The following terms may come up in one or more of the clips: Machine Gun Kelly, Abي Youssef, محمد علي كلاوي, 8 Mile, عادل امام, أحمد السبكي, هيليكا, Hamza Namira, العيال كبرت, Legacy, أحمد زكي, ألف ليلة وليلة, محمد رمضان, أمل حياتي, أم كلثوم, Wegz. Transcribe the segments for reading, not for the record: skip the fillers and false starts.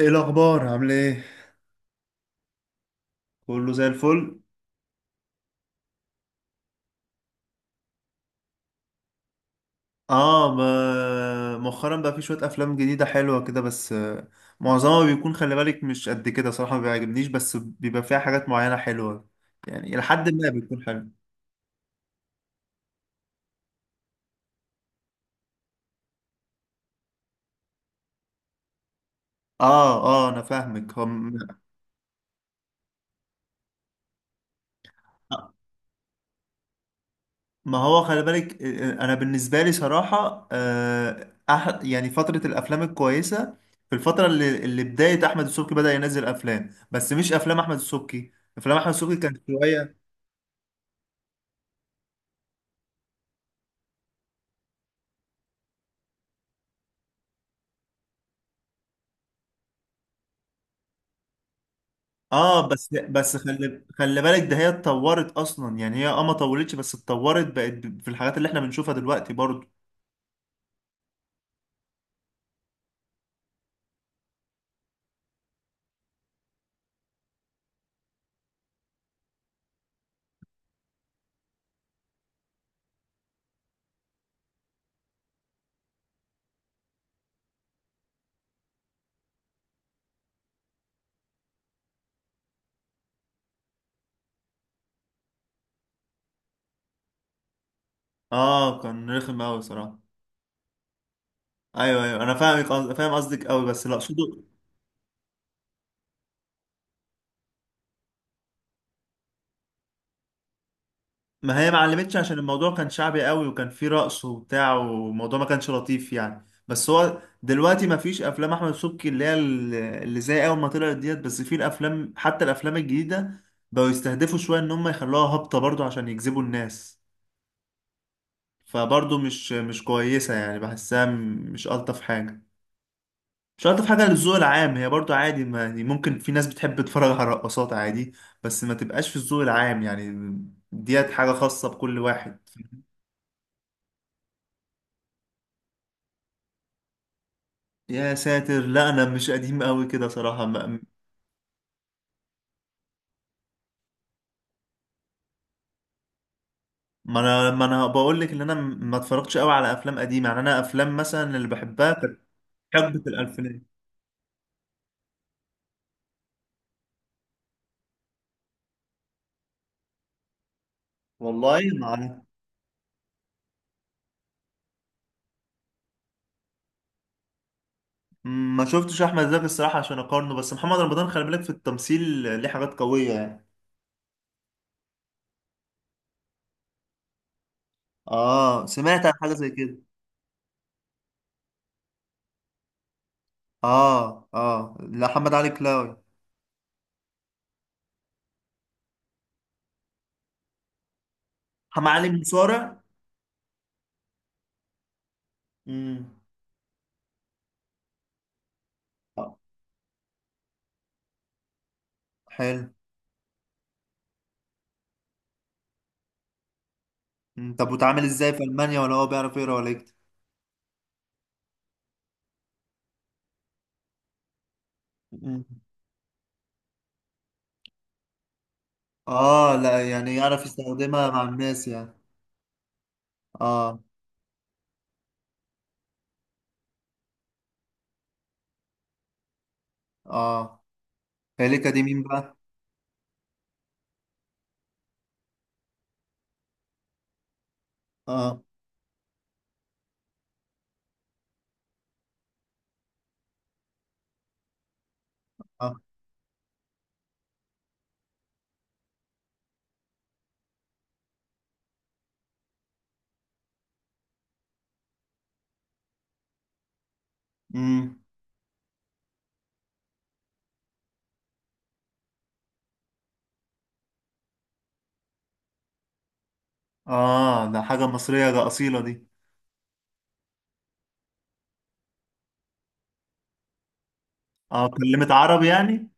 ايه الاخبار؟ عامل ايه؟ كله زي الفل. اه ما مؤخرا بقى في شويه افلام جديده حلوه كده، بس معظمها بيكون، خلي بالك، مش قد كده صراحه، ما بيعجبنيش، بس بيبى فيها حاجات معينه حلوه، يعني الى حد ما بيكون حلو. اه اه، انا فاهمك. هم ما هو خلي بالك، انا بالنسبه لي صراحه، يعني فتره الافلام الكويسه في الفتره اللي بدايه احمد السبكي بدا ينزل افلام، بس مش افلام احمد السبكي. افلام احمد السبكي كانت شويه. اه بس بس، خلي بالك، ده هي اتطورت اصلا، يعني هي اه ما طولتش بس اتطورت، بقت ب- في الحاجات اللي احنا بنشوفها دلوقتي برضو. اه كان رخم قوي صراحه. ايوه ايوه، انا فاهمك. فاهم قصدك قوي، بس اللي اقصده، ما هي ما علمتش عشان الموضوع كان شعبي قوي وكان فيه رقص وبتاع، والموضوع ما كانش لطيف يعني. بس هو دلوقتي ما فيش افلام احمد سبكي اللي هي ال- اللي زي اول ما طلعت ديت، بس في الافلام، حتى الافلام الجديده، بقوا يستهدفوا شويه ان هم يخلوها هابطه برضو عشان يجذبوا الناس. فبرضه مش كويسة، يعني بحسها م- مش ألطف حاجة. مش ألطف حاجة للذوق العام. هي برضه عادي، ما يعني ممكن في ناس بتحب تتفرج على رقصات، عادي، بس ما تبقاش في الذوق العام يعني. ديت حاجة خاصة بكل واحد. يا ساتر، لا أنا مش قديم قوي كده صراحة. ما ما أنا بقول لك إن أنا ما اتفرجتش قوي على أفلام قديمة، يعني أنا أفلام مثلا اللي بحبها كانت حقبة الألفينات. والله ما عارف. ما شفتش أحمد زكي الصراحة عشان أقارنه، بس محمد رمضان خلي بالك في التمثيل ليه حاجات قوية يعني. اه، سمعت عن حاجه زي كده. اه اه، لا محمد علي كلاوي. محمد علي مصارع. امم. آه، حلو. مم. طب وتعامل ازاي في المانيا ولا هو بيعرف يقرا ولا يكتب؟ مم. اه، لا يعني يعرف يستخدمها مع الناس يعني. اه. اه، هيليكا دي مين بقى؟ اه. اه. امم. اه ده حاجه مصريه، ده اصيله دي. اه، كلمت عربي يعني.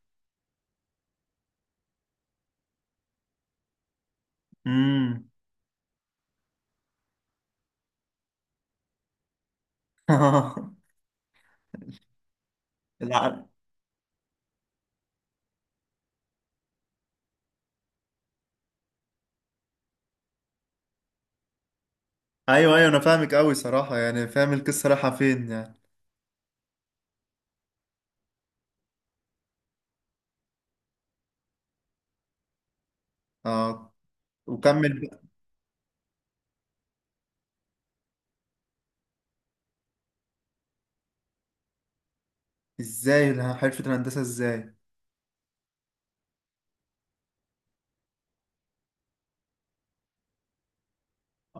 امم. لا. ايوه ايوه، انا فاهمك قوي صراحه، يعني فاهم القصه رايحه فين يعني. اه، وكمل بقى. ازاي حرفة الهندسة ازاي؟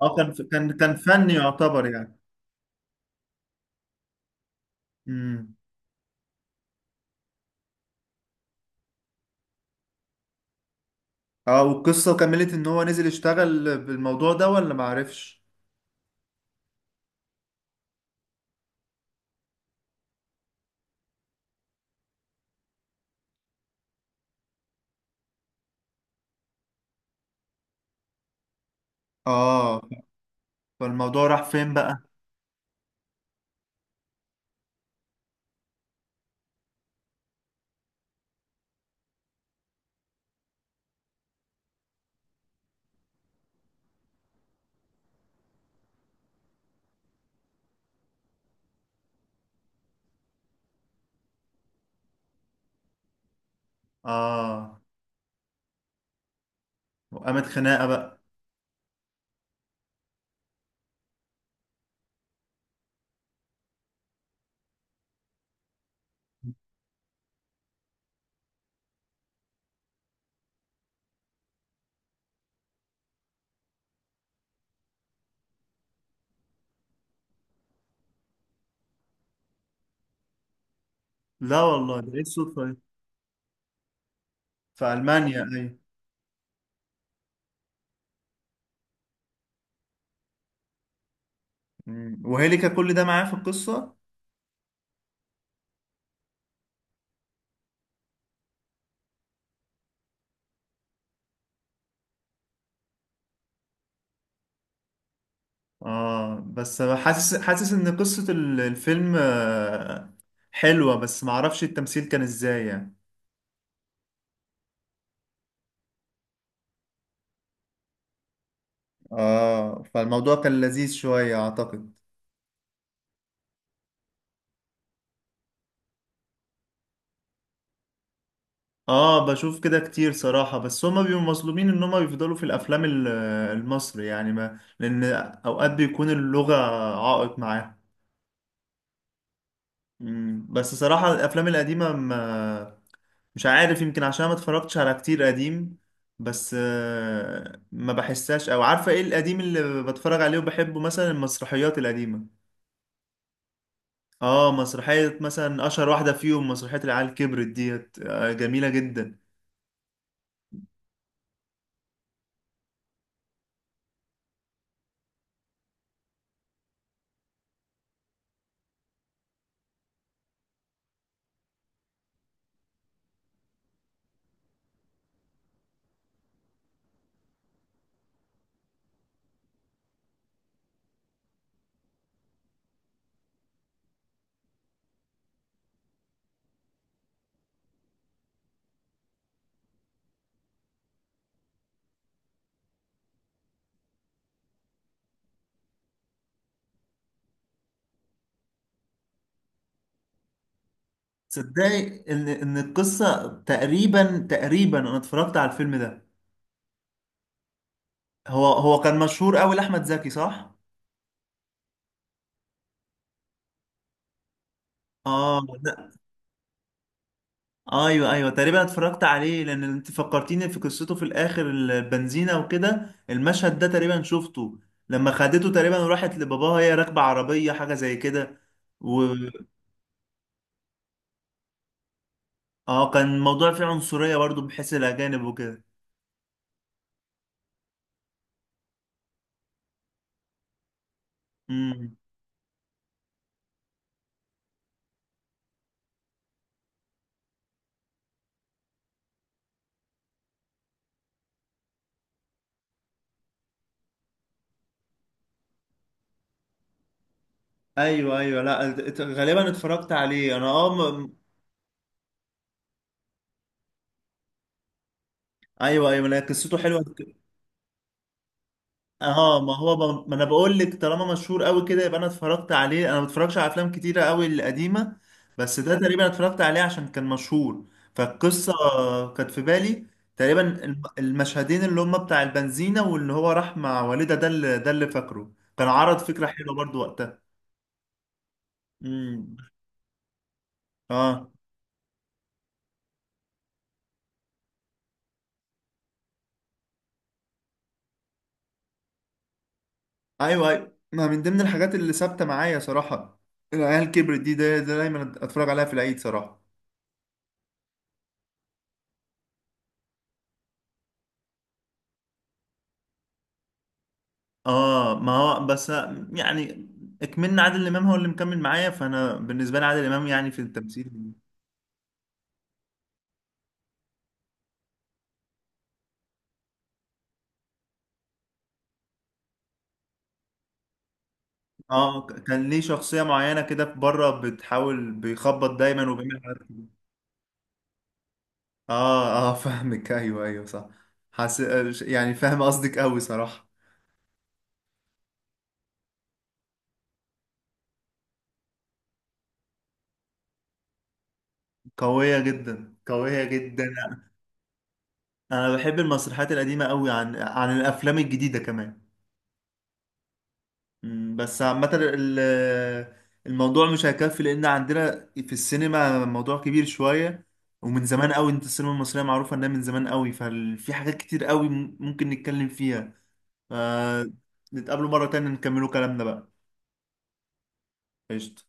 اه، كان فني يعتبر يعني. امم. اه، والقصة كملت ان هو نزل يشتغل بالموضوع ده ولا معرفش؟ اه، فالموضوع راح فين بقى؟ اه، وقامت خناقة بقى. لا والله، ده ايه الصدفة دي؟ في ألمانيا، ايوه. مم. وهيليكا كل ده معاه في القصة؟ اه، بس حاسس ان قصة ال- الفيلم حلوة، بس معرفش التمثيل كان ازاي يعني. اه، فالموضوع كان لذيذ شوية اعتقد. اه، بشوف كده كتير صراحة، بس هما بيبقوا مظلومين ان هما بيفضلوا في الافلام ال- المصري يعني، ما لان اوقات بيكون اللغة عائق معاهم. مم، بس صراحة الافلام القديمة ما، مش عارف، يمكن عشان ما اتفرجتش على كتير قديم، بس ما بحسهاش. او عارفة ايه القديم اللي بتفرج عليه وبحبه؟ مثلا المسرحيات القديمة. اه، مسرحية مثلا اشهر واحدة فيهم مسرحية العيال كبرت ديت، جميلة جدا. تصدقي ان القصه تقريبا، تقريبا انا اتفرجت على الفيلم ده. هو كان مشهور قوي لاحمد زكي صح؟ اه، لا. ايوه ايوه، تقريبا اتفرجت عليه، لان انت فكرتيني في قصته في الاخر، البنزينه وكده المشهد ده تقريبا شفته، لما خدته تقريبا، وراحت لباباها هي راكبه عربيه حاجه زي كده. و، اه كان الموضوع فيه عنصريه برضو بحيث الاجانب وكده. امم. ايوه ايوه لا، غالبا اتفرجت عليه انا اه م-. ايوه ايوه لا، قصته حلوه. اه ما هو ب... ما انا بقول لك طالما مشهور قوي كده يبقى انا اتفرجت عليه. انا ما بتفرجش على افلام كتيره قوي القديمه، بس ده تقريبا اتفرجت عليه عشان كان مشهور. فالقصه كانت في بالي. تقريبا المشهدين اللي هم بتاع البنزينه، واللي هو راح مع والده، ده اللي، ده اللي فاكره. كان عرض فكره حلوه برضو وقتها. امم. اه. ايوه ايوه، ما من ضمن الحاجات اللي ثابته معايا صراحه العيال كبرت دي. ده ده دايما اتفرج عليها في العيد صراحه. اه ما هو بس، يعني اكملنا عادل امام، هو اللي مكمل معايا، فانا بالنسبه لي عادل امام يعني في التمثيل. اه، كان ليه شخصيه معينه كده في بره، بتحاول بيخبط دايما وبيعمل حاجات كده. اه اه فاهمك. ايوه ايوه صح. حس... يعني فاهم قصدك قوي صراحه. قويه جدا، قويه جدا. انا بحب المسرحيات القديمه قوي عن عن الافلام الجديده كمان. مم، بس عامة ال- الموضوع مش هيكفي، لأن عندنا في السينما موضوع كبير شوية ومن زمان قوي. انت السينما المصرية معروفة انها من زمان قوي، ففي حاجات كتير قوي ممكن نتكلم فيها. ف- نتقابلوا مرة تانية نكملوا كلامنا بقى. قشطة.